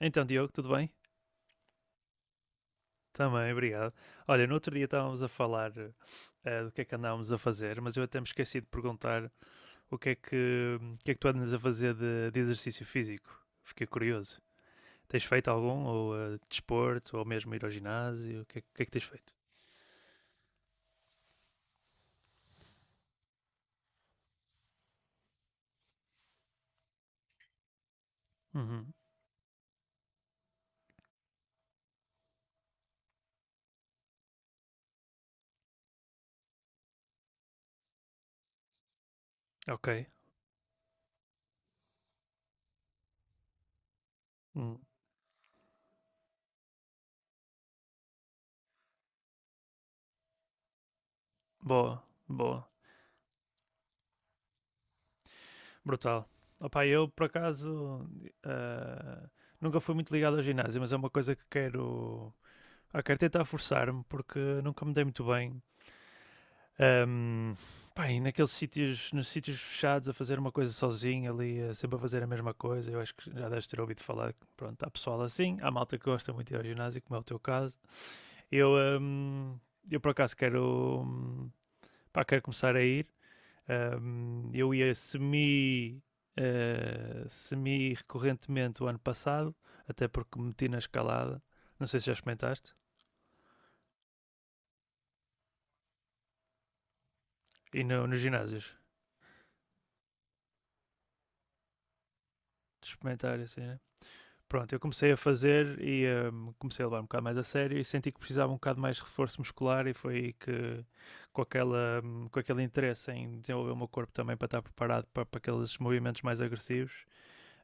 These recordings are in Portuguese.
Então, Diogo, tudo bem? Também, obrigado. Olha, no outro dia estávamos a falar do que é que andávamos a fazer, mas eu até me esqueci de perguntar o que é que tu andas a fazer de exercício físico. Fiquei curioso. Tens feito algum? Ou desporto? Ou mesmo ir ao ginásio? O que é que tens feito? Uhum. Ok. Hum. Boa, boa. Brutal. Opa, eu por acaso eh, nunca fui muito ligado ao ginásio, mas é uma coisa que quero. Ah, quero tentar forçar-me porque nunca me dei muito bem. Ahm, Pá, e naqueles sítios, nos sítios fechados, a fazer uma coisa sozinho ali, a sempre a fazer a mesma coisa, eu acho que já deves ter ouvido falar, que, pronto, há pessoal assim, há malta que gosta muito de ir ao ginásio, como é o teu caso. Eu, ahm, eu por acaso pá, quero começar a ir. Eu ia semi recorrentemente o ano passado, até porque meti na escalada, não sei se já experimentaste, e no, nos ginásios, de experimentar assim, né? Pronto, eu comecei a fazer e comecei a levar um bocado mais a sério e senti que precisava um bocado mais de reforço muscular e foi aí que com aquele interesse em desenvolver o meu corpo também para estar preparado para aqueles movimentos mais agressivos.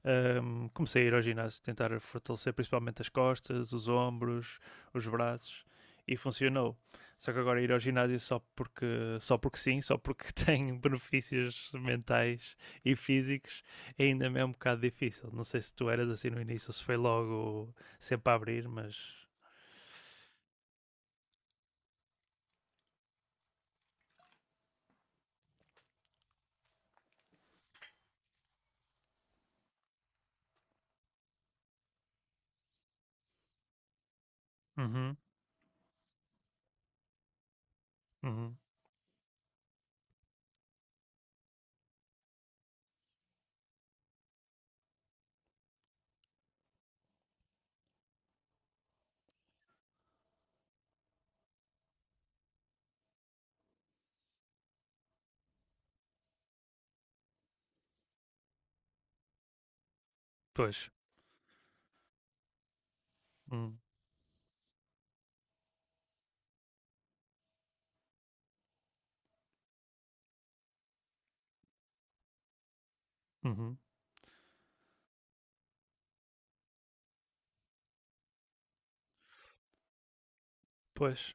Comecei a ir ao ginásio, tentar fortalecer principalmente as costas, os ombros, os braços, e funcionou. Só que agora ir ao ginásio só porque sim, só porque tem benefícios mentais e físicos, ainda me é um bocado difícil. Não sei se tu eras assim no início, ou se foi logo sempre a abrir, mas. Uhum, uhum. Pois. Hum, uhum. Pois.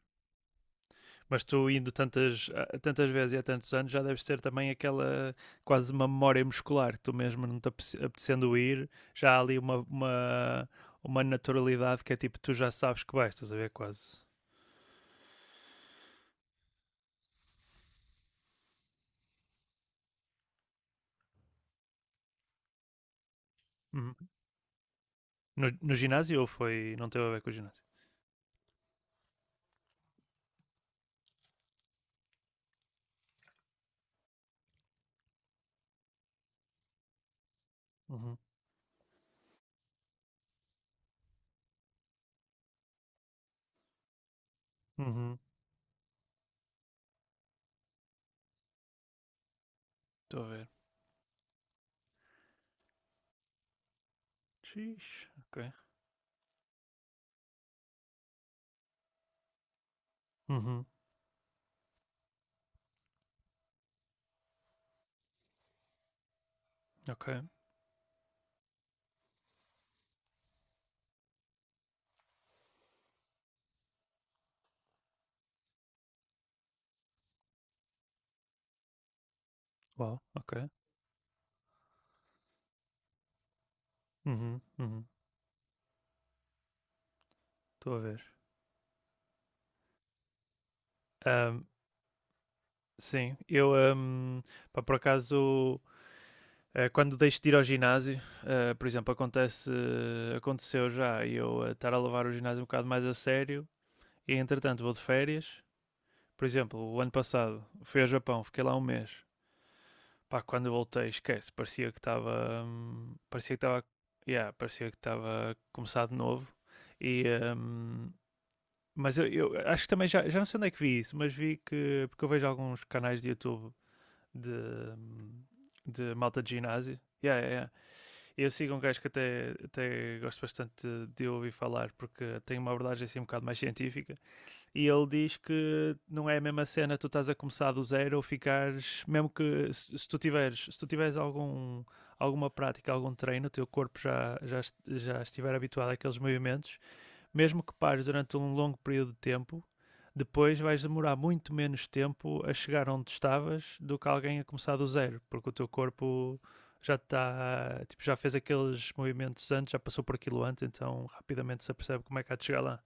Mas tu indo tantas vezes e há tantos anos já deves ter também aquela quase uma memória muscular, tu mesmo não te apetecendo ir, já há ali uma, naturalidade que é tipo, tu já sabes que vais, estás a ver quase. Uhum. No ginásio ou foi, não teve a ver com o ginásio? Uhum. Uhum. Estou a ver. Xis. Ok. Uhum. Ok. Uau. Ok. Uhum. Uhum. Estou a ver. Ahm, sim, eu, pá, por acaso, quando deixo de ir ao ginásio, por exemplo, aconteceu já eu estar a levar o ginásio um bocado mais a sério e entretanto vou de férias. Por exemplo, o ano passado fui ao Japão, fiquei lá um mês. Pá, quando voltei, esquece, parecia que estava, yeah, parecia que estava a começar de novo. E, hum, mas eu, acho que também já não sei onde é que vi isso, mas vi que, porque eu vejo alguns canais de YouTube de, hum, de malta de ginásio. Yeah, yeah, yeah. Eu sigo um gajo que até gosto bastante de ouvir falar, porque tem uma abordagem assim um bocado mais científica. E ele diz que não é a mesma cena tu estás a começar do zero ou ficares, mesmo que se tu tiveres, alguma prática, algum treino, o teu corpo já estiver habituado àqueles movimentos, mesmo que pares durante um longo período de tempo, depois vais demorar muito menos tempo a chegar onde estavas do que alguém a começar do zero, porque o teu corpo já está, tipo, já fez aqueles movimentos antes, já passou por aquilo antes, então rapidamente se apercebe como é que há de chegar lá.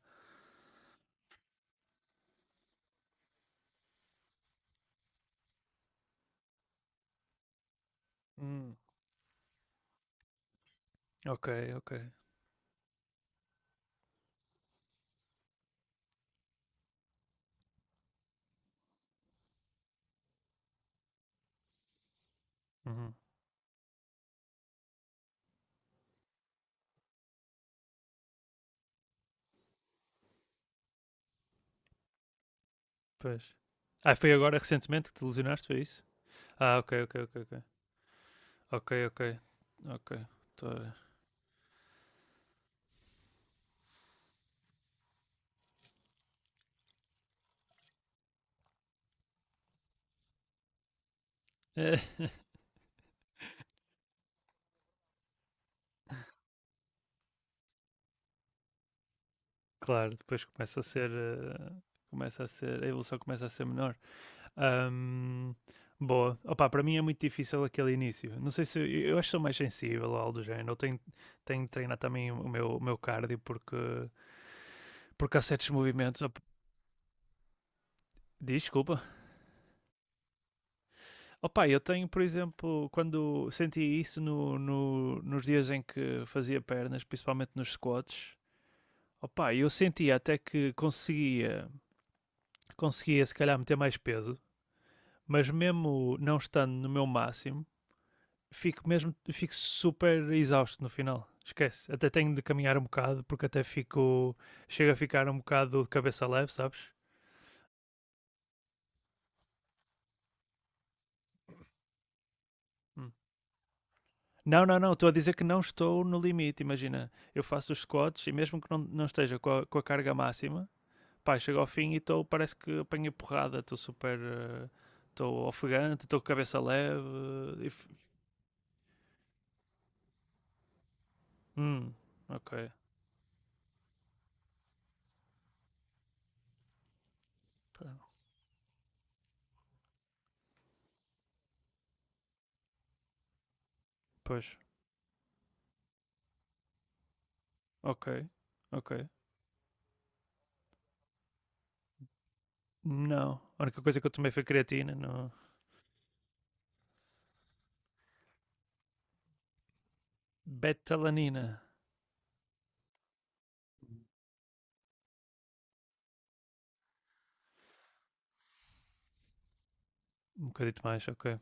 Hum, Ok, ok. Uhum, pois. Ah, foi agora recentemente que te lesionaste, foi isso? Ah, ok, ok, ok. Ok, ok, ok. Estou a ver. É, claro, depois começa a ser. Eh, começa a ser. a evolução começa a ser menor. Ahm, Boa. Opa, para mim é muito difícil aquele início. Não sei se eu acho que sou mais sensível ou algo do género. Eu tenho de treinar também o meu, cardio, porque há certos movimentos. Desculpa. Opa, eu tenho, por exemplo, quando senti isso nos dias em que fazia pernas, principalmente nos squats, opa, eu sentia até que conseguia se calhar meter mais peso, mas mesmo não estando no meu máximo fico super exausto no final. Esquece. Até tenho de caminhar um bocado porque até fico. Chego a ficar um bocado de cabeça leve, sabes? Hum. Não, não, não. Estou a dizer que não estou no limite. Imagina, eu faço os squats e mesmo que não esteja com a, carga máxima, pá, chego ao fim e estou. Parece que apanhei porrada. Estou super. Estou ofegante, estou com cabeça leve. eh, e f- Hum, ok. Pois, ok, ok. Não. A única coisa que eu tomei foi creatina. Não, betalanina. Um bocadito mais, ok.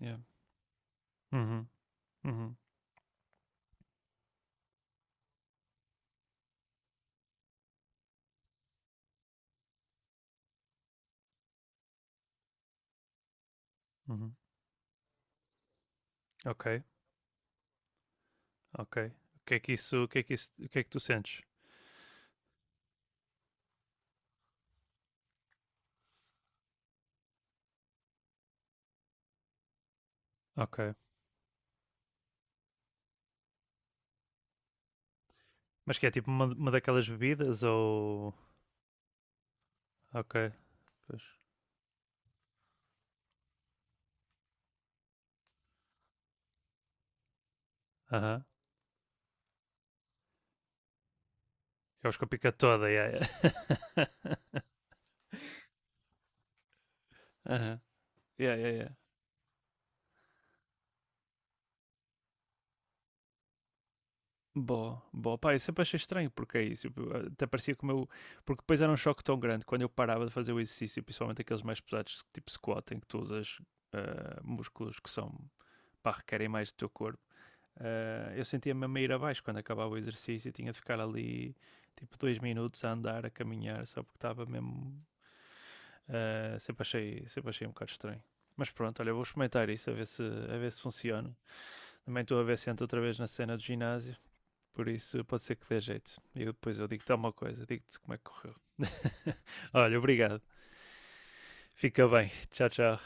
Yeah. Uhum, uhum, uhum. Ok, ok. O que é que tu sentes? Ok. Mas que é tipo uma daquelas bebidas ou. Ok, pois. Aham. Uhum. Que é os com a pica toda, yeah, yeah. Aham. Yeah, yeah, yeah. Boa, boa. Pá, eu sempre achei estranho porque é isso. Até parecia como eu. Porque depois era um choque tão grande quando eu parava de fazer o exercício, principalmente aqueles mais pesados, tipo squat, em que tu usas músculos que são. Pá, requerem mais do teu corpo. Eu sentia-me a meio abaixo quando acabava o exercício, tinha de ficar ali tipo 2 minutos a andar, a caminhar, só porque estava mesmo. Sempre achei um bocado estranho. Mas pronto, olha, vou experimentar isso a ver se funciona. Também estou a ver se entro outra vez na cena do ginásio, por isso pode ser que dê jeito. E depois eu digo-te alguma coisa, digo-te como é que correu. Olha, obrigado. Fica bem. Tchau, tchau.